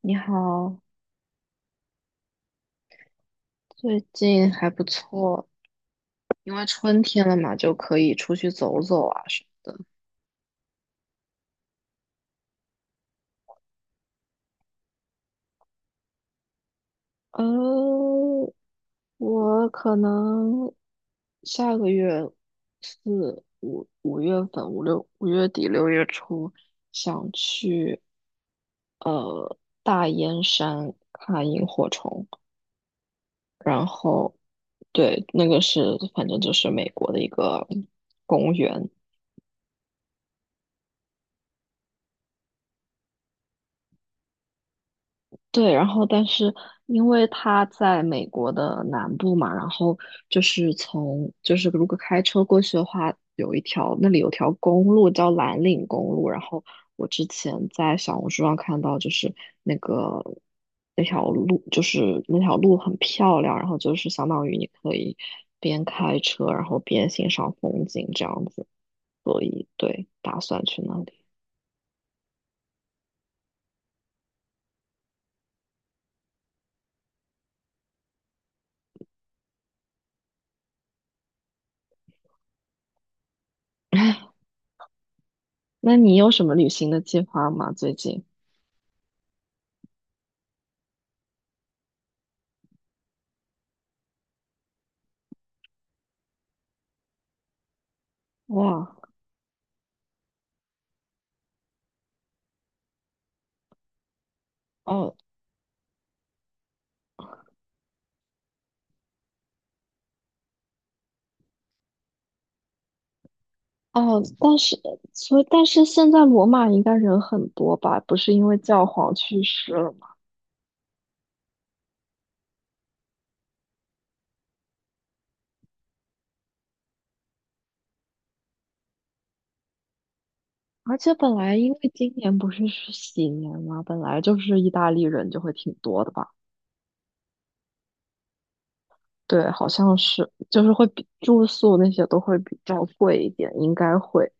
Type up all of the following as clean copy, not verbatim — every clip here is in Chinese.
你好，最近还不错，因为春天了嘛，就可以出去走走啊什么的。呃，我可能下个月四五五月份五六5月底6月初想去呃大燕山看萤火虫，然后对，那个是反正就是美国的一个公园，对，然后但是因为它在美国的南部嘛，然后就是就是如果开车过去的话，有一条那里有条公路叫蓝岭公路，然后我之前在小红书上看到，就是那个那条路很漂亮，然后就是相当于你可以边开车，然后边欣赏风景这样子，所以对，打算去那里。那你有什么旅行的计划吗？最近？哇。哦，哦，但是现在罗马应该人很多吧？不是因为教皇去世了吗？而且本来因为今年不是喜年嘛，本来就是意大利人就会挺多的吧？对，好像是，就是会比住宿那些都会比较贵一点，应该会。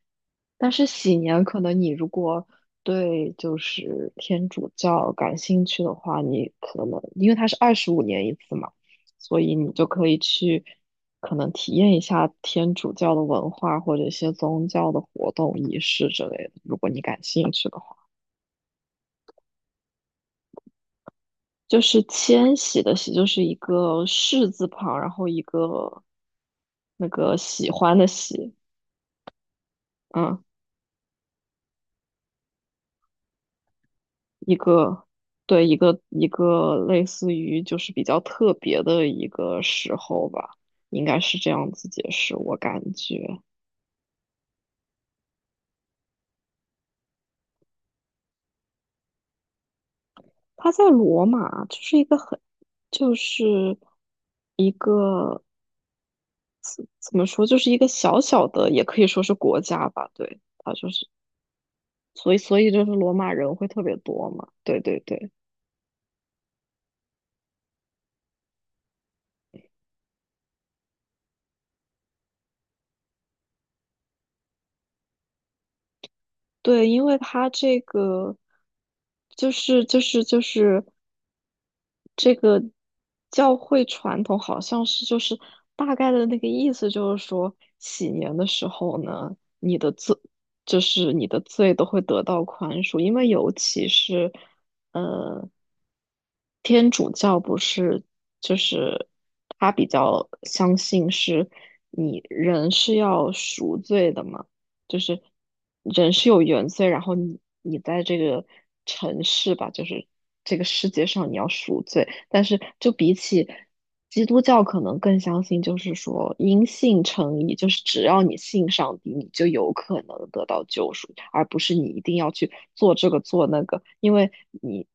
但是喜年可能你如果对就是天主教感兴趣的话，你可能因为它是25年一次嘛，所以你就可以去可能体验一下天主教的文化或者一些宗教的活动仪式之类的，如果你感兴趣的话。就是千徙的徙，就是一个士字旁，然后那个喜欢的喜，嗯。一个对，一个类似于就是比较特别的一个时候吧，应该是这样子解释，我感觉他在罗马就是一个很就是一个怎么说，就是一个小小的，也可以说是国家吧，对，他就是所以所以就是罗马人会特别多嘛，对对对。对，因为他这个就是这个教会传统好像是就是大概的那个意思，就是说喜年的时候呢，你的罪都会得到宽恕，因为尤其是呃天主教不是就是他比较相信是你人是要赎罪的嘛。就是人是有原罪，然后你在这个城市吧，就是这个世界上你要赎罪，但是就比起基督教，可能更相信就是说因信称义，就是只要你信上帝，你就有可能得到救赎，而不是你一定要去做这个做那个，因为你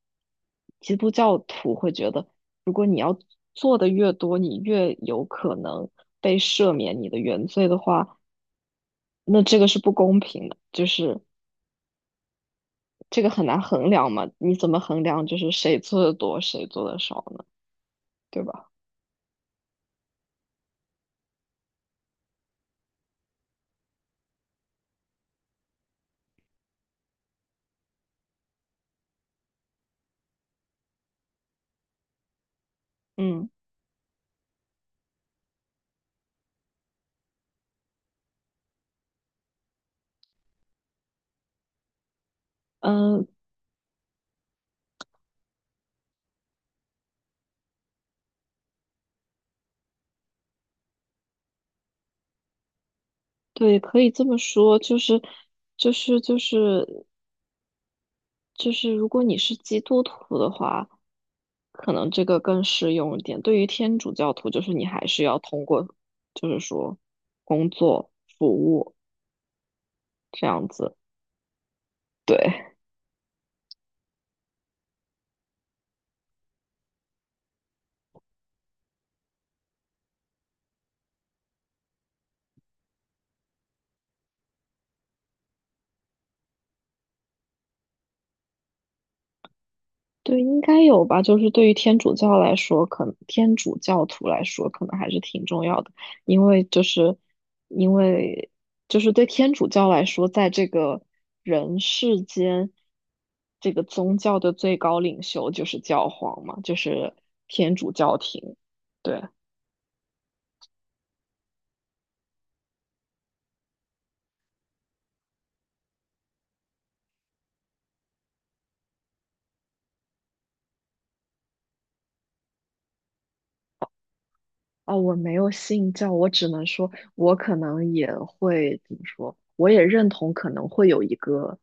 基督教徒会觉得，如果你要做的越多，你越有可能被赦免你的原罪的话。那这个是不公平的，就是这个很难衡量嘛？你怎么衡量就是谁做的多，谁做的少呢？对吧？嗯嗯，对，可以这么说，就是就是就是，如果你是基督徒的话，可能这个更适用一点。对于天主教徒，就是你还是要通过，就是说工作服务这样子。对。对，应该有吧。就是对于天主教来说，可能天主教徒来说，可能还是挺重要的，因为就是因为对天主教来说，在这个人世间，这个宗教的最高领袖就是教皇嘛，就是天主教廷。对。哦，我没有信教，我只能说，我可能也会怎么说，我也认同可能会有一个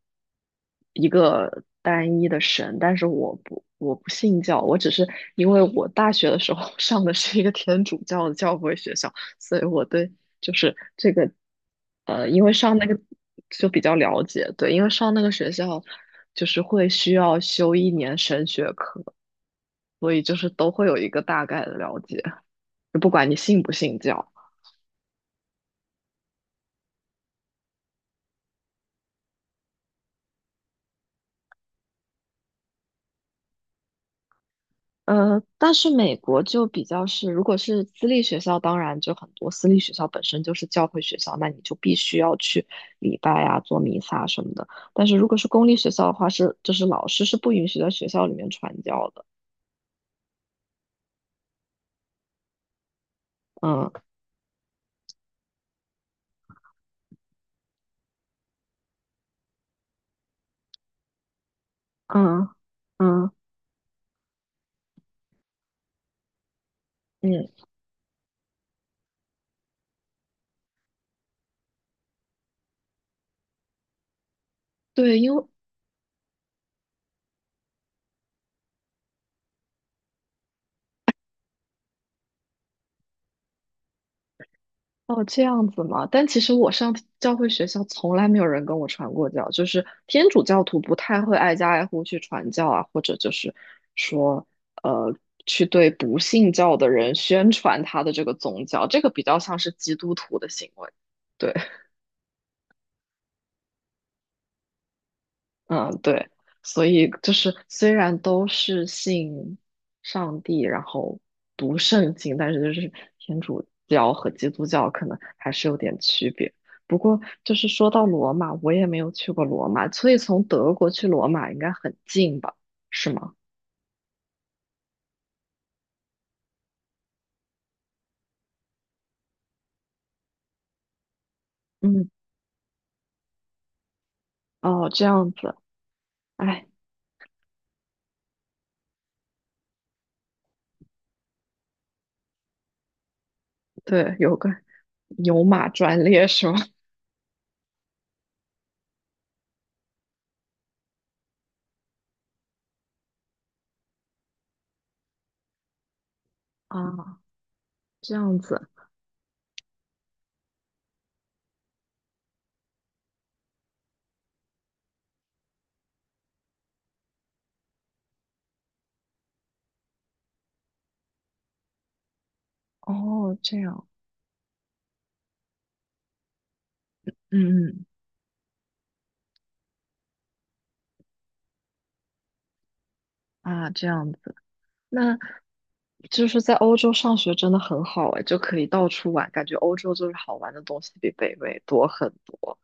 单一的神，但是我不信教，我只是因为我大学的时候 上的是一个天主教的教会学校，所以我对就是这个因为上那个就比较了解，对，因为上那个学校就是会需要修一年神学课，所以就是都会有一个大概的了解。就不管你信不信教。但是美国就比较是，如果是私立学校，当然就很多私立学校本身就是教会学校，那你就必须要去礼拜啊、做弥撒什么的。但是如果是公立学校的话，是就是老师是不允许在学校里面传教的。嗯嗯嗯嗯，对，哦，这样子嘛。但其实我上教会学校从来没有人跟我传过教，就是天主教徒不太会挨家挨户去传教啊，或者就是说，呃，去对不信教的人宣传他的这个宗教，这个比较像是基督徒的行为。对。嗯，对，所以就是虽然都是信上帝，然后读圣经，但是就是天主教和基督教可能还是有点区别。不过就是说到罗马，我也没有去过罗马，所以从德国去罗马应该很近吧？是吗？嗯，哦，这样子，哎，对，有个牛马专列是吗？啊，这样子，哦，这样，嗯嗯，啊，这样的。那就是在欧洲上学真的很好哎，就可以到处玩，感觉欧洲就是好玩的东西比北美多很多。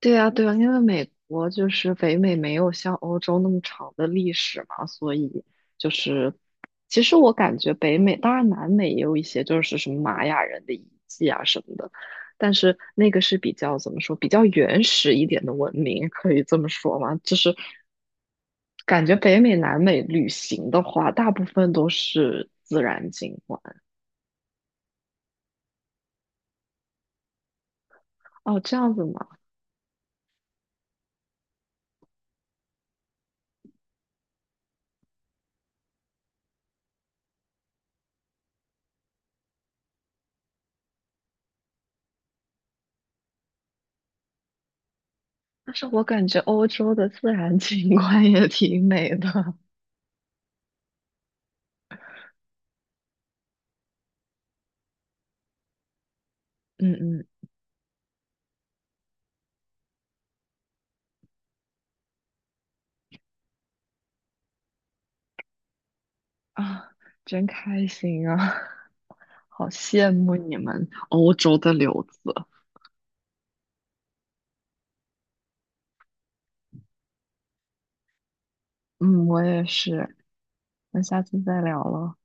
对啊，对啊，因为美国就是北美没有像欧洲那么长的历史嘛，所以就是其实我感觉北美，当然南美也有一些就是什么玛雅人的遗迹啊什么的，但是那个是比较怎么说，比较原始一点的文明，可以这么说吗？就是感觉北美、南美旅行的话，大部分都是自然景观。哦，这样子吗？但是我感觉欧洲的自然景观也挺美的。嗯嗯啊，真开心啊！好羡慕你们欧洲的留子。嗯，我也是。那下次再聊了。